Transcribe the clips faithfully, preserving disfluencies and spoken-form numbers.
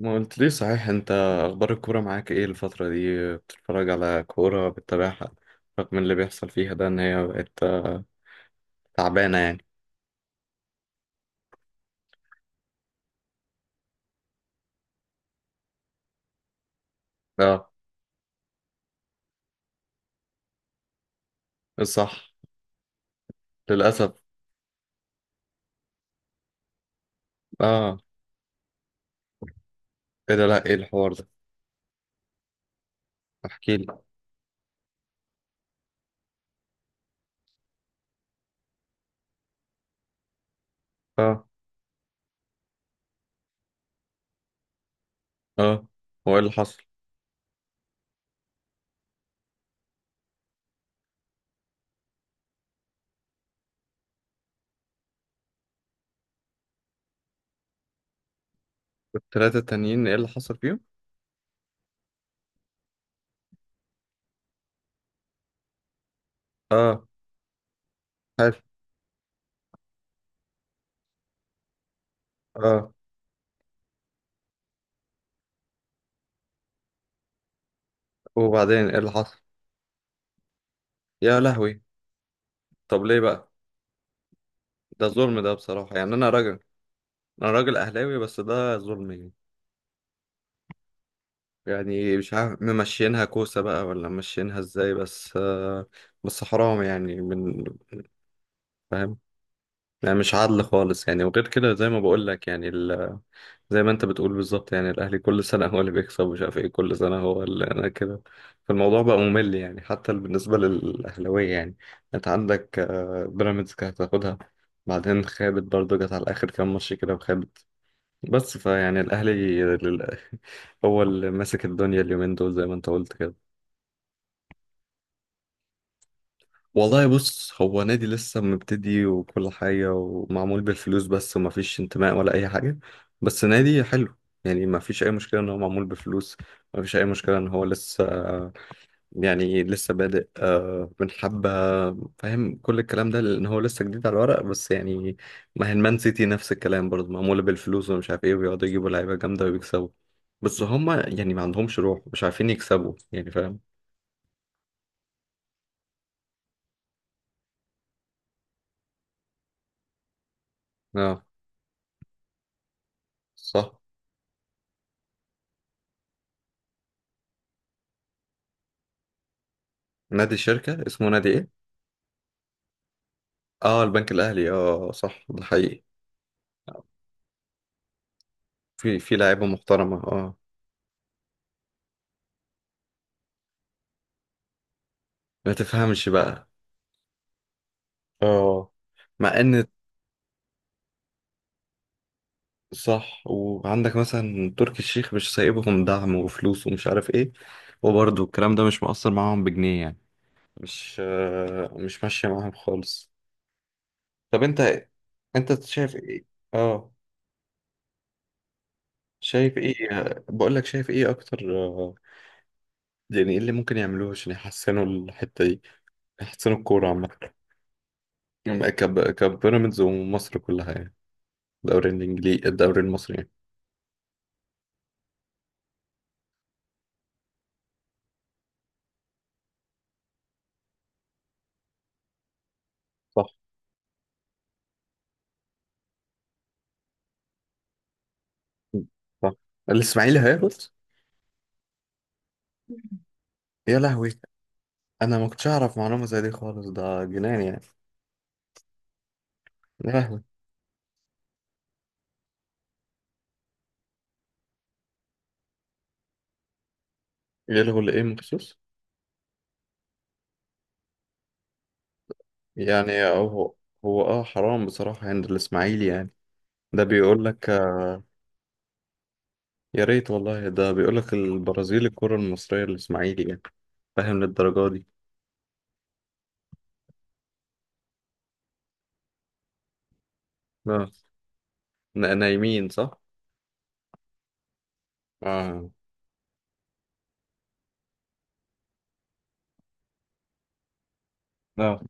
ما قلت ليه صحيح انت؟ اخبار الكوره معاك ايه الفتره دي؟ بتتفرج على كوره، بتتابعها؟ رغم اللي بيحصل فيها ده ان هي بقت آه، تعبانه يعني. اه. صح. للاسف. اه. ايه ده؟ لا ايه الحوار ده؟ احكي لي. اه. اه. هو ايه اللي حصل؟ الثلاثه التانيين ايه اللي حصل فيهم؟ اه. حلو. اه. وبعدين ايه اللي حصل؟ يا لهوي. طب ليه بقى؟ ده ظلم ده بصراحه، يعني انا راجل. انا راجل اهلاوي بس ده ظلم يعني. يعني مش عارف ممشينها كوسة بقى ولا ممشينها ازاي بس آه، بس حرام يعني من... فاهم. يعني مش عادل خالص يعني، وغير كده زي ما بقول لك يعني ال... زي ما انت بتقول بالظبط، يعني الاهلي كل سنة هو اللي بيكسب، ومش عارف ايه، كل سنة هو اللي انا كده. فالموضوع بقى ممل يعني، حتى بالنسبة للاهلاوية يعني. انت عندك آه، بيراميدز كانت هتاخدها. بعدين خابت برضه، جت على اخر كام ماتش كده وخابت. بس فيعني الاهلي لل- هو اللي ماسك الدنيا اليومين دول زي ما انت قلت كده. والله بص، هو نادي لسه مبتدي وكل حاجة، ومعمول بالفلوس بس، ومفيش انتماء ولا أي حاجة. بس نادي حلو. يعني مفيش أي مشكلة إن هو معمول بفلوس. مفيش أي مشكلة إن هو لسه، يعني لسه بادئ آه من حبة. فاهم كل الكلام ده لأن هو لسه جديد على الورق بس يعني. ما هي المان سيتي نفس الكلام برضه، معمولة بالفلوس ومش عارف إيه، وبيقعدوا يجيبوا لعيبة جامدة ويكسبوا. بس هما يعني ما عندهمش روح، مش عارفين يكسبوا يعني، فاهم؟ اه. صح. نادي الشركة اسمه نادي إيه؟ اه البنك الاهلي. اه صح ده حقيقي. في في لعيبه محترمه اه. ما تفهمش بقى. اه. مع ان. صح. وعندك مثلا تركي الشيخ مش سايبهم دعم وفلوس، ومش عارف ايه. وبرضه الكلام ده مش مؤثر معاهم بجنيه يعني. مش آه مش ماشيه معاهم خالص. طب انت انت شايف ايه؟ اه. شايف ايه آه، بقول لك شايف ايه اكتر آه، يعني ايه اللي ممكن يعملوه عشان يحسنوا الحته دي، يحسنوا الكوره عامه؟ م- كب كبيراميدز ومصر كلها يعني، الدوري الانجليزي، الدوري المصري يعني. صح. صح الاسماعيلي هيهبط. يا لهوي. انا ما كنتش اعرف معلومه زي دي خالص، ده جنان يعني. يا لهوي. يلغوا الايه مخصوص؟ يعني هو هو اه حرام بصراحه عند الاسماعيلي يعني. ده بيقول لك آه، يا ريت والله. ده بيقول لك البرازيل الكره المصريه الاسماعيلي يعني، فاهم للدرجه دي. اه. نا- نايمين صح. اه. اه.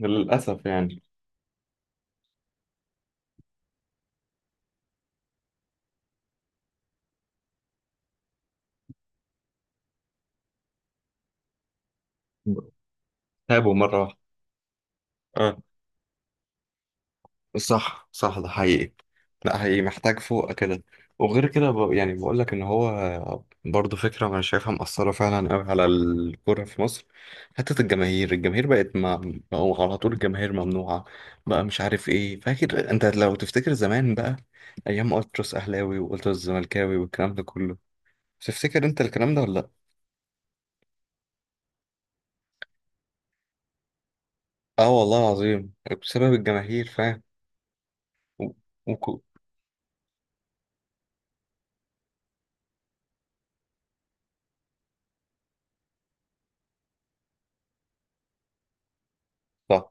للاسف يعني. تعبوا مره واحده. صح صح ده حقيقي. لا هي محتاج فوق كده. وغير كده ب... يعني بقول لك ان هو برضه فكره انا شايفها مأثره فعلا قوي على الكوره في مصر. حته الجماهير الجماهير بقت ما بقوا على طول. الجماهير ممنوعه بقى، مش عارف ايه. فاكر انت، لو تفتكر زمان بقى ايام التراس اهلاوي والتراس زملكاوي والكلام ده كله؟ تفتكر انت الكلام ده ولا لا؟ اه والله العظيم، بسبب الجماهير فاهم. و... وكو- صح.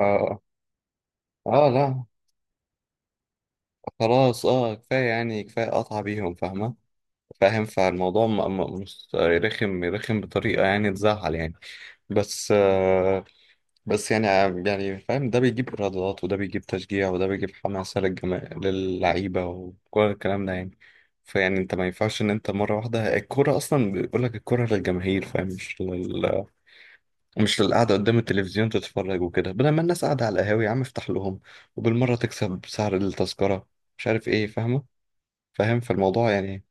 اه. اه. آه. لا، خلاص، اه كفاية يعني، كفاية قطع بيهم، فاهمة؟ فاهم فالموضوع م- م- مش رخم، رخم بطريقة يعني تزعل يعني. بس آه بس يعني، يعني فاهم ده بيجيب إيرادات، وده بيجيب تشجيع، وده بيجيب حماسة للجما، للعيبة، وكل الكلام ده يعني. فيعني انت ما ينفعش ان انت مرة واحدة الكورة اصلا، بيقول لك الكورة للجماهير فاهم، مش لل مش للقعدة قدام التلفزيون تتفرج وكده. بدل ما الناس قاعدة على القهاوي يا عم افتح لهم، وبالمرة تكسب سعر التذكرة، مش عارف ايه فاهمة. فاهم فالموضوع يعني.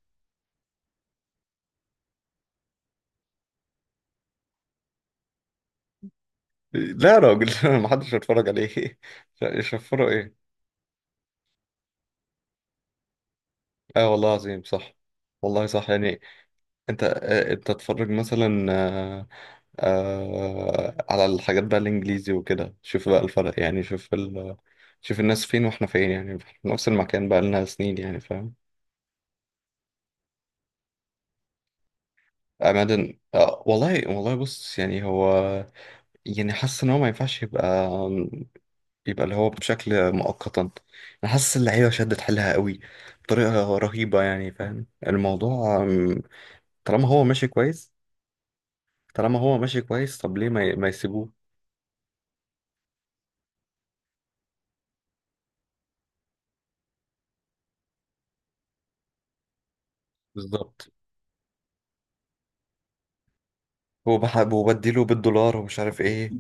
لا يا راجل، محدش هيتفرج عليه يشفروا ايه؟ اه والله عظيم صح. والله صح يعني. انت آه، انت تتفرج مثلا آه، آه، على الحاجات بقى الانجليزي وكده. شوف بقى الفرق يعني، شوف ال... شوف الناس فين واحنا فين، يعني في نفس المكان بقى لنا سنين يعني، فاهم؟ أماكن آه والله. والله بص يعني هو، يعني حاسس إن هو ما ينفعش يبقى، يبقى اللي هو بشكل مؤقتا. انا حاسس اللعيبه شدت حيلها قوي بطريقه رهيبه يعني، فاهم الموضوع أم، طالما هو ماشي كويس، طالما هو ماشي كويس طب ليه ما, ي- ما يسيبوه؟ بالظبط. وبحب وبديله بالدولار ومش عارف ايه.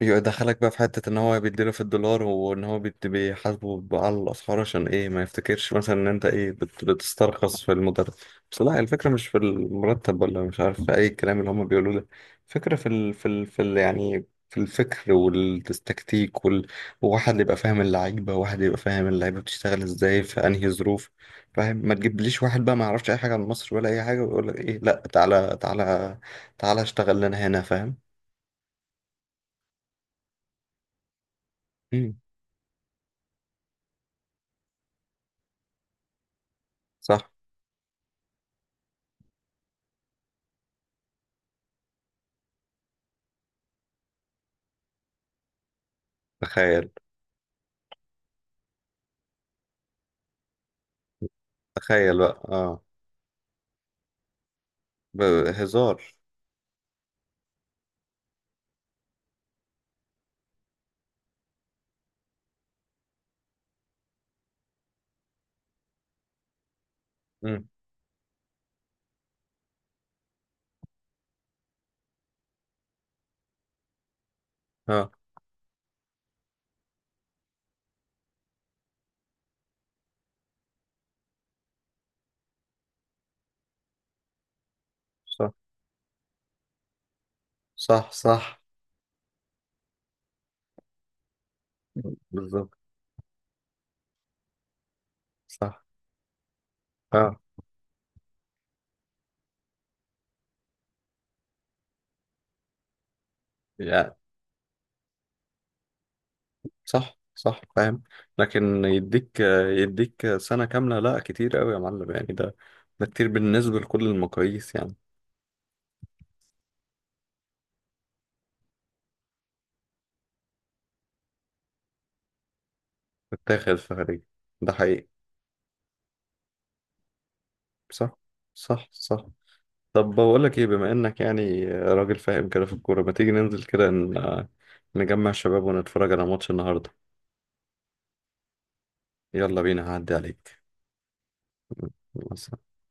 يدخلك بقى في حتة ان هو بيديله في الدولار، وان هو بيت- بيحاسبه بقى على الاسعار، عشان ايه ما يفتكرش مثلا ان انت ايه بت- بتسترخص في المدرب. بس لا، الفكرة مش في المرتب ولا مش عارف في اي كلام اللي هم بيقولوه ده. الفكرة في ال في ال في ال يعني في الفكر والتكتيك وال... وواحد اللي يبقى فاهم اللعيبة، واحد يبقى فاهم اللعيبة بتشتغل ازاي في انهي ظروف فاهم. ما تجيبليش واحد بقى ما يعرفش اي حاجة عن مصر ولا اي حاجة، ويقول لك ايه لا، تعالى تعالى تعالى اشتغل لنا هنا فاهم. مم. صح. تخيل. تخيل بقى اه. ب- هزار. امم اه. صح صح. صح. بالظبط. صح. اه يعني. صح صح فاهم. لكن يديك يديك سنة كاملة، لا كتير قوي يا معلم يعني، ده ده كتير بالنسبة لكل المقاييس يعني. بتتاخد في خارجي. ده حقيقي. صح صح صح. طب بقول لك ايه، بما انك يعني راجل فاهم كده في الكورة، ما تيجي ننزل كده ن- نجمع الشباب ونتفرج على ماتش النهاردة؟ يلا بينا هعدي عليك. يلا،